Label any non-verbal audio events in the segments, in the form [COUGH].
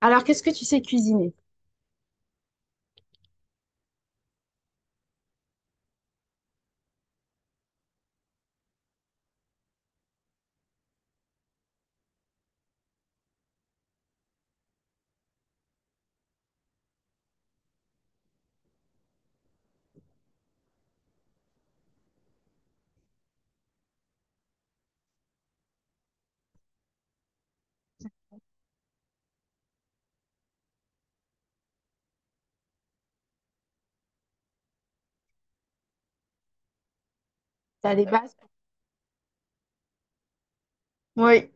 Alors, qu'est-ce que tu sais cuisiner? T'as as des bases? Oui,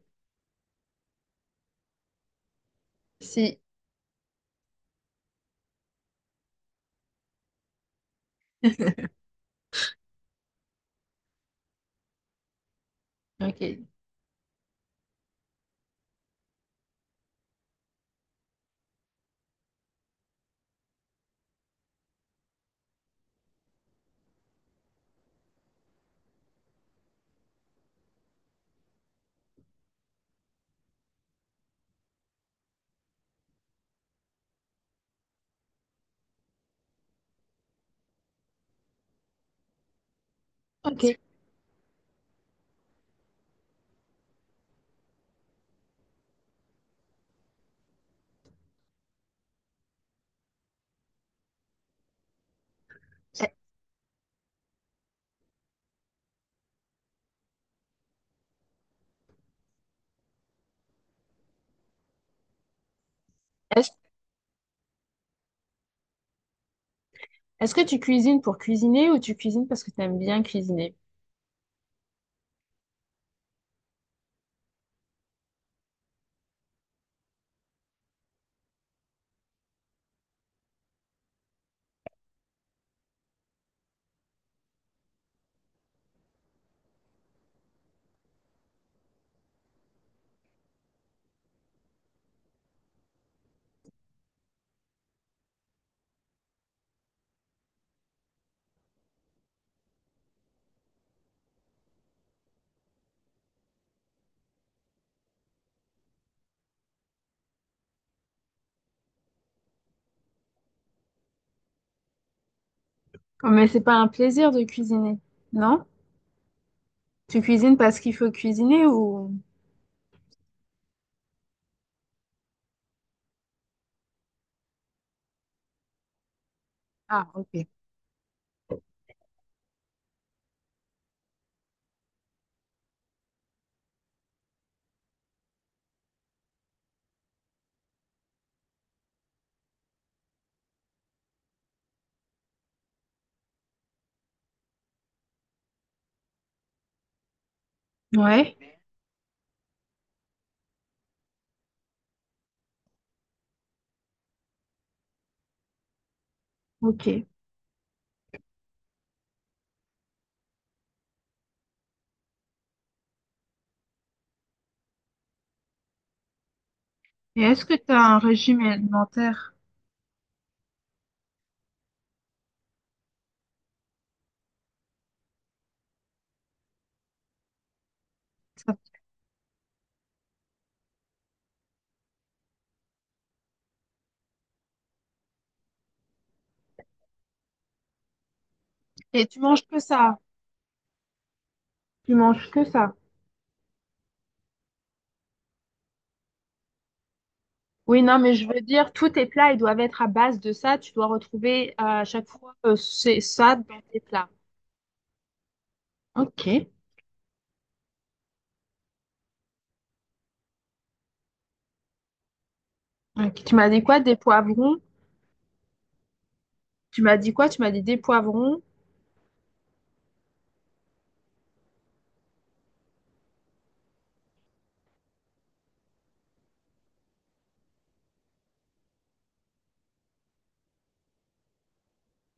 si. Ok. Ok. Est-ce, est-ce que tu cuisines pour cuisiner ou tu cuisines parce que tu aimes bien cuisiner? Oh, mais c'est pas un plaisir de cuisiner. Non? Tu cuisines parce qu'il faut cuisiner ou... Ah, ok. Ouais, ok. Et est-ce que tu as un régime alimentaire? Ça- Et tu manges que ça? Tu manges que ça? Oui, non, mais je veux dire, tous tes plats, ils doivent être à base de ça. Tu dois retrouver à chaque fois c'est ça dans tes plats. Ok. Ok. Tu m'as dit quoi? Des poivrons? Tu m'as dit quoi? Tu m'as dit des poivrons?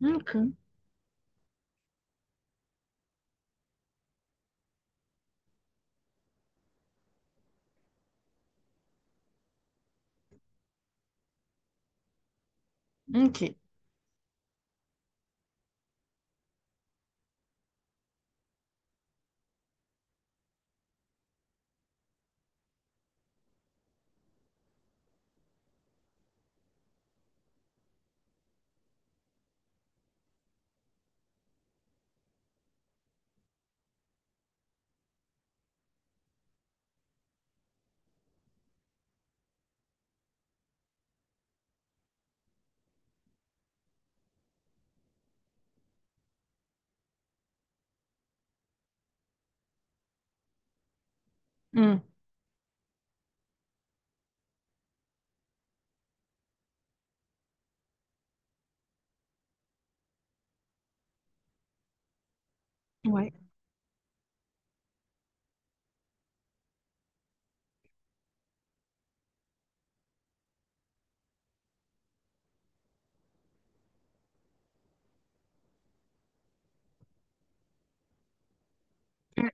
Ok. Ok. Hmm. Ouais. Mm.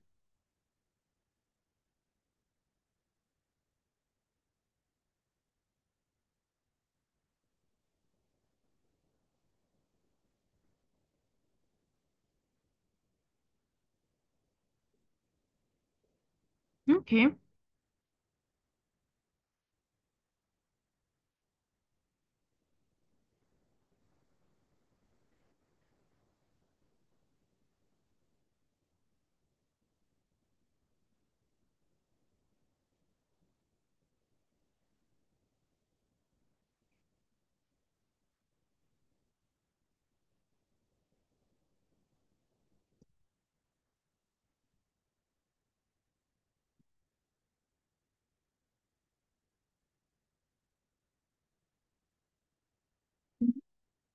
Ok.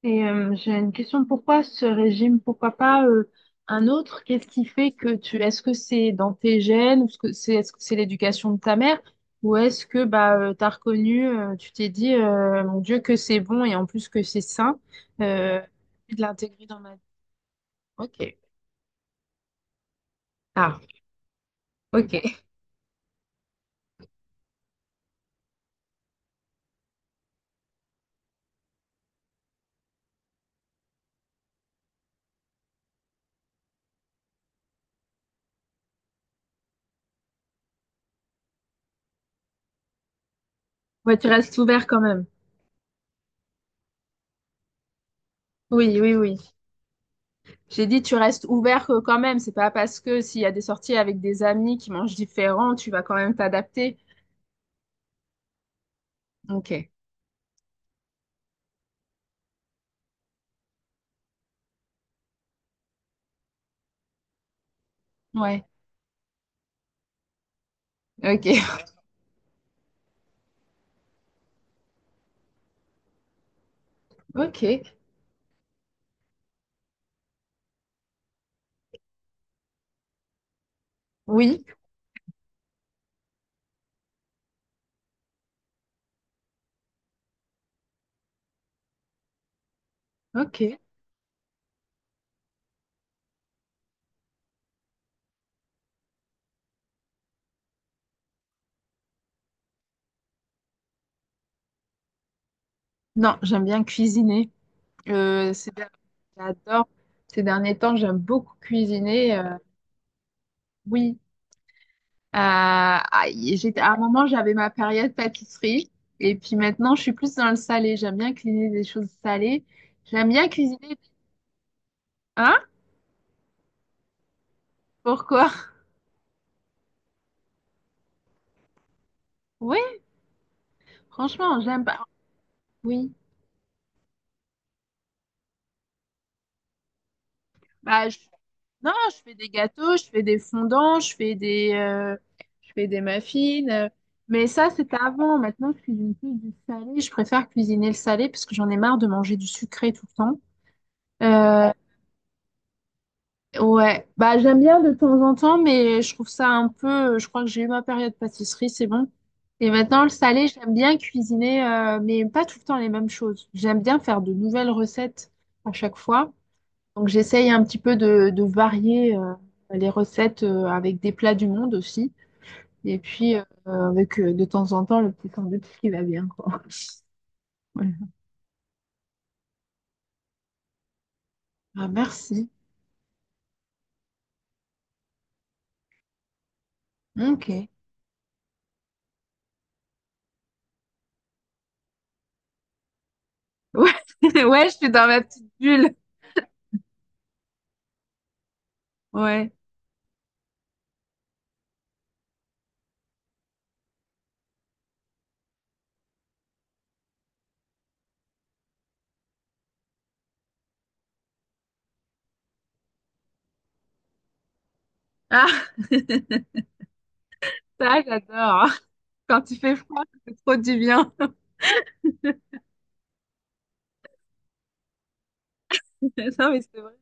Et j'ai une question. Pourquoi ce régime? Pourquoi pas un autre? Qu'est-ce qui fait que tu... Est-ce que c'est dans tes gènes? Ou est-ce que c'est l'éducation de ta mère? Ou est-ce que bah, t'as reconnu, tu t'es dit, mon Dieu, que c'est bon et en plus que c'est sain, euh, de l'intégrer dans ma vie. Ok. Ah, ok. Ouais, tu restes ouvert quand même. Oui, oui, oui. J'ai dit, tu restes ouvert quand même. C'est pas parce que s'il y a des sorties avec des amis qui mangent différent, tu vas quand même t'adapter. Ok. Ouais. Ok. [LAUGHS] Ok. Oui. Ok. Non, j'aime bien cuisiner. Euh, c'est bien- J'adore. Ces derniers temps, j'aime beaucoup cuisiner. Oui. J'étais, à un moment, j'avais ma période pâtisserie. Et puis maintenant, je suis plus dans le salé. J'aime bien cuisiner des choses salées. J'aime bien cuisiner. Hein? Pourquoi? Oui, franchement, j'aime pas. Oui. Bah, je- Non, je fais des gâteaux, je fais des fondants, je fais je fais des muffins. Mais ça, c'était avant. Maintenant, je cuisine plus du salé. Je préfère cuisiner le salé parce que j'en ai marre de manger du sucré tout le temps. Euh, ouais, bah j'aime bien de temps en temps, mais je trouve ça un peu. Je crois que j'ai eu ma période pâtisserie, c'est bon. Et maintenant, le salé, j'aime bien cuisiner, mais pas tout le temps les mêmes choses. J'aime bien faire de nouvelles recettes à chaque fois. Donc j'essaye un petit peu de varier les recettes avec des plats du monde aussi. Et puis avec de temps en temps le petit sandwich qui va bien, quoi. [LAUGHS] Ouais. Ah, merci. Ok. Ouais, [LAUGHS] ouais, je suis dans ma petite bulle. Ouais. Ah, ça, j'adore. Quand il fait froid, c'est trop du bien. [LAUGHS] Non, mais c'est vrai.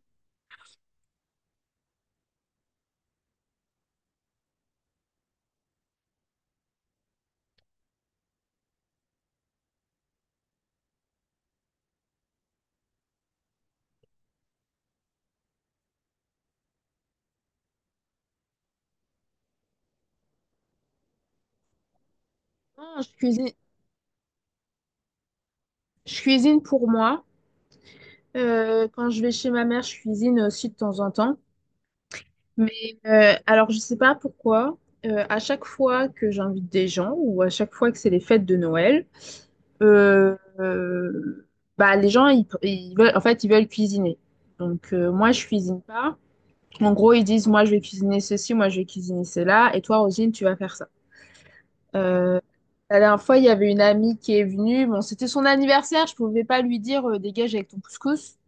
Non, je cuisine pour moi. Quand je vais chez ma mère, je cuisine aussi de temps en temps. Mais alors, je sais pas pourquoi, à chaque fois que j'invite des gens ou à chaque fois que c'est les fêtes de Noël, euh, euh, bah, les gens, ils veulent, en fait, ils veulent cuisiner. Donc, moi, je cuisine pas. En gros, ils disent, moi, je vais cuisiner ceci, moi, je vais cuisiner cela, et toi, Rosine, tu vas faire ça. Euh, la dernière fois, il y avait une amie qui est venue. Bon, c'était son anniversaire, je pouvais pas lui dire, dégage avec ton couscous.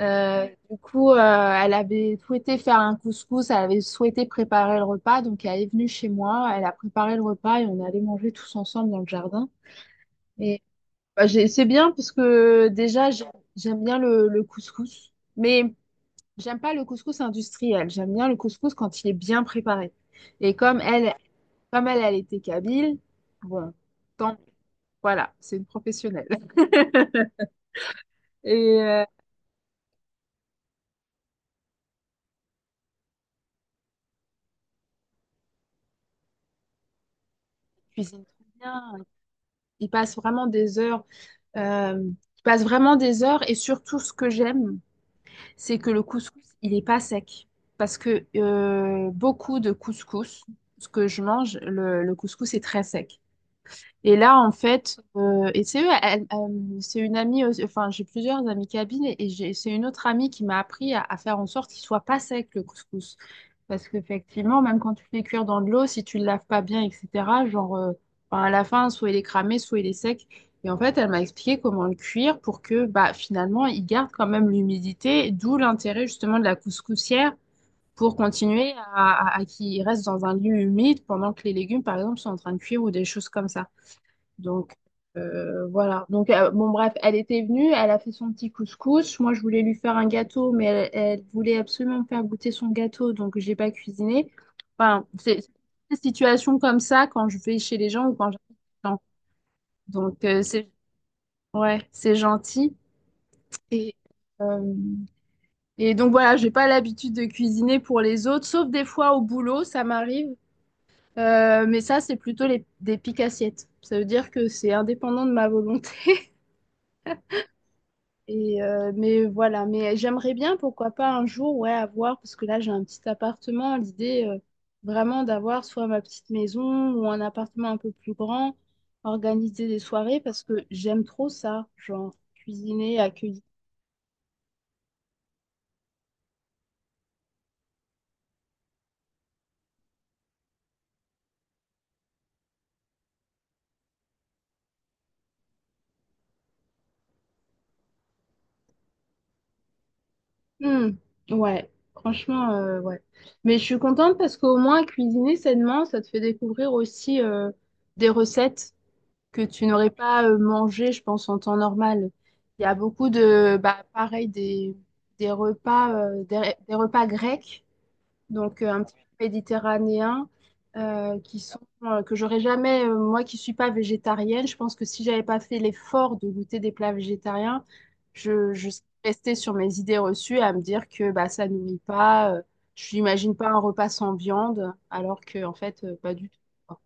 Du coup, elle avait souhaité faire un couscous, elle avait souhaité préparer le repas, donc elle est venue chez moi, elle a préparé le repas et on allait manger tous ensemble dans le jardin. Et bah, c'est bien parce que déjà, j'aime bien le couscous, mais j'aime pas le couscous industriel, j'aime bien le couscous quand il est bien préparé. Et comme elle, elle était kabyle, bon, tant voilà, c'est une professionnelle. [LAUGHS] Et cuisine très bien, il passe vraiment des heures. Euh, je passe vraiment des heures et surtout ce que j'aime, c'est que le couscous, il n'est pas sec. Parce que beaucoup de couscous, ce que je mange, le couscous est très sec. Et là, en fait, c'est une amie, enfin, j'ai plusieurs amies cabines et c'est une autre amie qui m'a appris à faire en sorte qu'il soit pas sec le couscous. Parce qu'effectivement, même quand tu le fais cuire dans de l'eau, si tu le laves pas bien, etc., genre, enfin, à la fin, soit il est cramé, soit il est sec. Et en fait, elle m'a expliqué comment le cuire pour que, bah, finalement, il garde quand même l'humidité, d'où l'intérêt justement de la couscoussière pour continuer à qu'il reste dans un lieu humide pendant que les légumes, par exemple, sont en train de cuire ou des choses comme ça. Donc voilà. Donc bon bref, elle était venue, elle a fait son petit couscous. Moi je voulais lui faire un gâteau, mais elle, elle voulait absolument me faire goûter son gâteau, donc j'ai pas cuisiné. Enfin, c'est des situations comme ça quand je vais chez les gens ou quand j'invite les gens. Donc c'est ouais, c'est gentil. Et euh, et donc voilà, j'ai pas l'habitude de cuisiner pour les autres, sauf des fois au boulot, ça m'arrive. Mais ça, c'est plutôt des piques assiettes. Ça veut dire que c'est indépendant de ma volonté. Et mais voilà, mais j'aimerais bien, pourquoi pas un jour, ouais, avoir, parce que là j'ai un petit appartement, l'idée vraiment d'avoir soit ma petite maison ou un appartement un peu plus grand, organiser des soirées, parce que j'aime trop ça, genre cuisiner, accueillir. Hmm, ouais, franchement, ouais. Mais je suis contente parce qu'au moins cuisiner sainement, ça te fait découvrir aussi des recettes que tu n'aurais pas mangé, je pense, en temps normal. Il y a beaucoup de, bah, pareil, des repas grecs, donc un petit peu méditerranéens, qui sont, que j'aurais jamais, moi qui suis pas végétarienne, je pense que si j'avais pas fait l'effort de goûter des plats végétariens, je serais restée sur mes idées reçues à me dire que bah, ça nourrit pas, je n'imagine pas un repas sans viande, alors que, en fait, pas du tout quoi.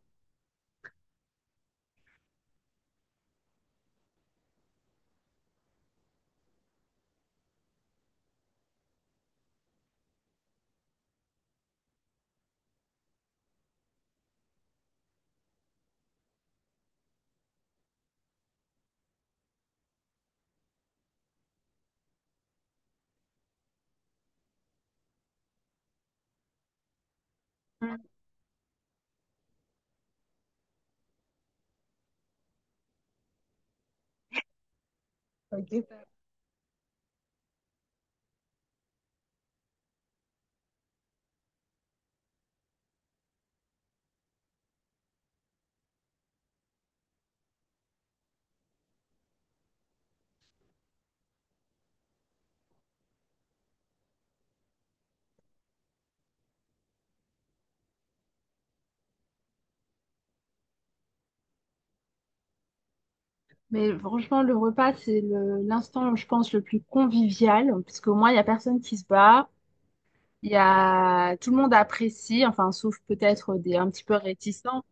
Mais franchement, le repas, c'est l'instant, je pense, le plus convivial, parce qu'au moins, il n'y a personne qui se bat, il y a, tout le monde apprécie, enfin, sauf peut-être des un petit peu réticents.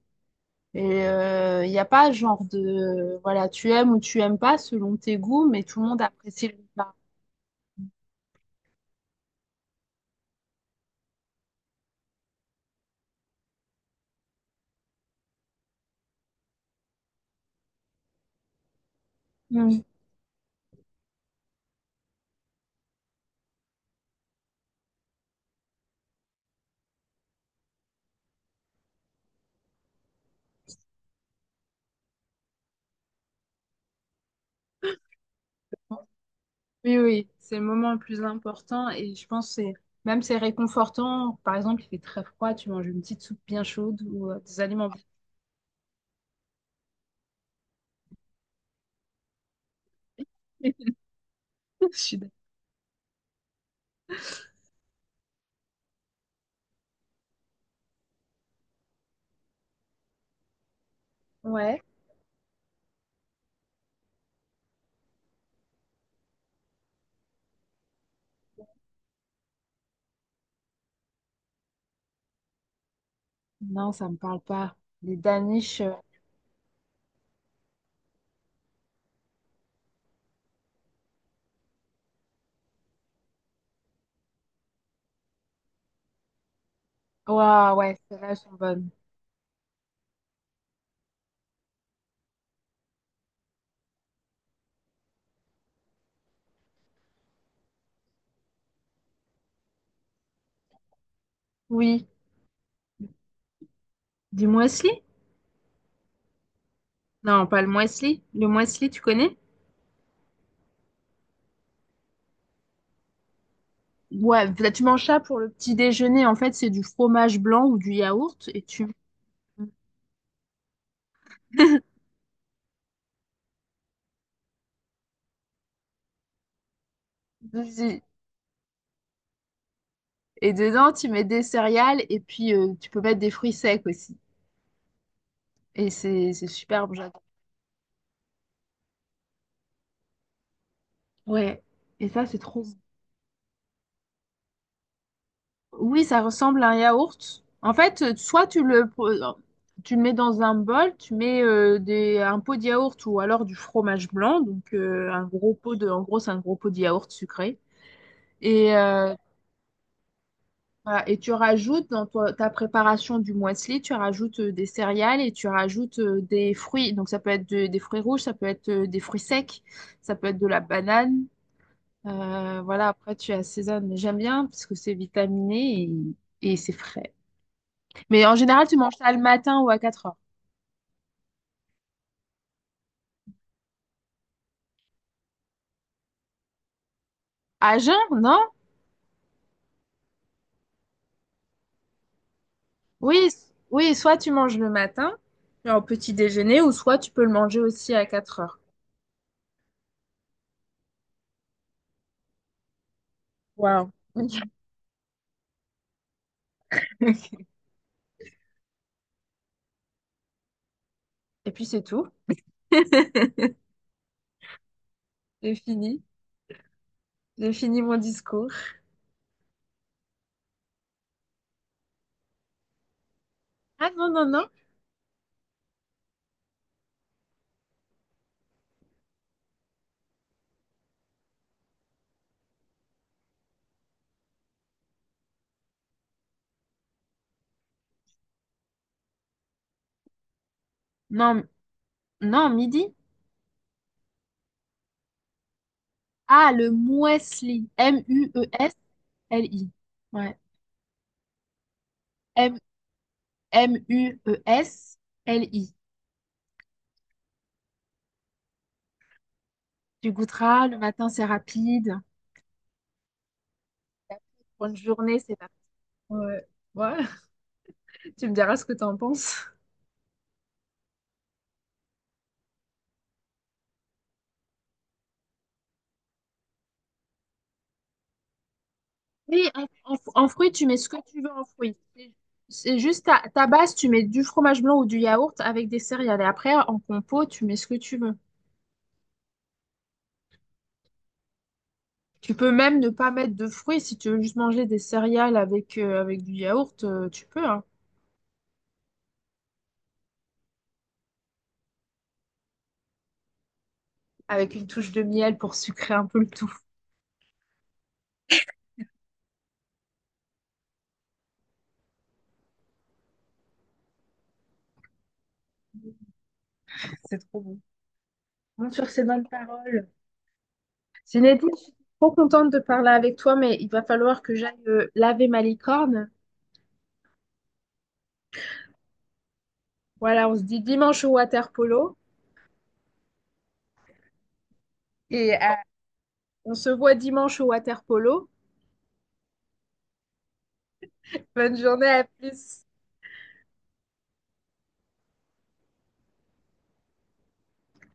Et il n'y a pas genre de, voilà, tu aimes ou tu aimes pas selon tes goûts, mais tout le monde apprécie le repas. Mm. Oui, oui, c'est le moment le plus important et je pense que c'est réconfortant. Par exemple, il fait très froid, tu manges une petite soupe bien chaude ou des aliments bien. [LAUGHS] Je suis d'accord. Ouais. Non, ça me parle pas. Les daniches. Ouah, ouais, celles-là elles sont bonnes. Oui. Du muesli? Non, pas le muesli. Le muesli, tu connais? Ouais, là, tu manges ça pour le petit déjeuner. En fait, c'est du fromage blanc ou du yaourt et tu et dedans, tu mets des céréales et puis tu peux mettre des fruits secs aussi. Et c'est superbe, j'adore. Ouais. Et ça, c'est trop bon. Oui, ça ressemble à un yaourt. En fait, soit tu le, pr- tu le mets dans un bol, tu mets un pot de yaourt ou alors du fromage blanc. Donc, un gros pot de, en gros, c'est un gros pot de yaourt sucré. Et, euh, voilà. Et tu rajoutes dans ta préparation du muesli, tu rajoutes des céréales et tu rajoutes des fruits. Donc, ça peut être des fruits rouges, ça peut être des fruits secs, ça peut être de la banane. Voilà, après tu assaisonnes, mais j'aime bien parce que c'est vitaminé et c'est frais. Mais en général, tu manges ça le matin ou à quatre heures. À jeun, non? Oui, oui, soit tu manges le matin, genre au petit déjeuner, ou soit tu peux le manger aussi à 4 heures. Waouh. [LAUGHS] Et puis c'est tout. J'ai fini. J'ai fini mon discours. Ah non, non, non. Non, non, midi. Ah, le muesli. MUESLI. Ouais. MMUESLI. Tu goûteras, le matin c'est rapide pour une journée, c'est pas. Ouais, ouais, [LAUGHS] tu me diras ce que t'en penses. Oui, en- en fruits, tu mets ce que tu veux en fruits. C'est juste ta base, tu mets du fromage blanc ou du yaourt avec des céréales. Et après, en compo, tu mets ce que tu veux. Tu peux même ne pas mettre de fruits si tu veux juste manger des céréales avec, avec du yaourt, tu peux, hein. Avec une touche de miel pour sucrer un peu le tout. C'est trop bon. Bon, sur ces bonnes paroles. Zinedine, je suis trop contente de parler avec toi, mais il va falloir que j'aille laver ma licorne. Voilà, on se dit dimanche au water polo et on se voit dimanche au water polo. Bonne journée, à plus.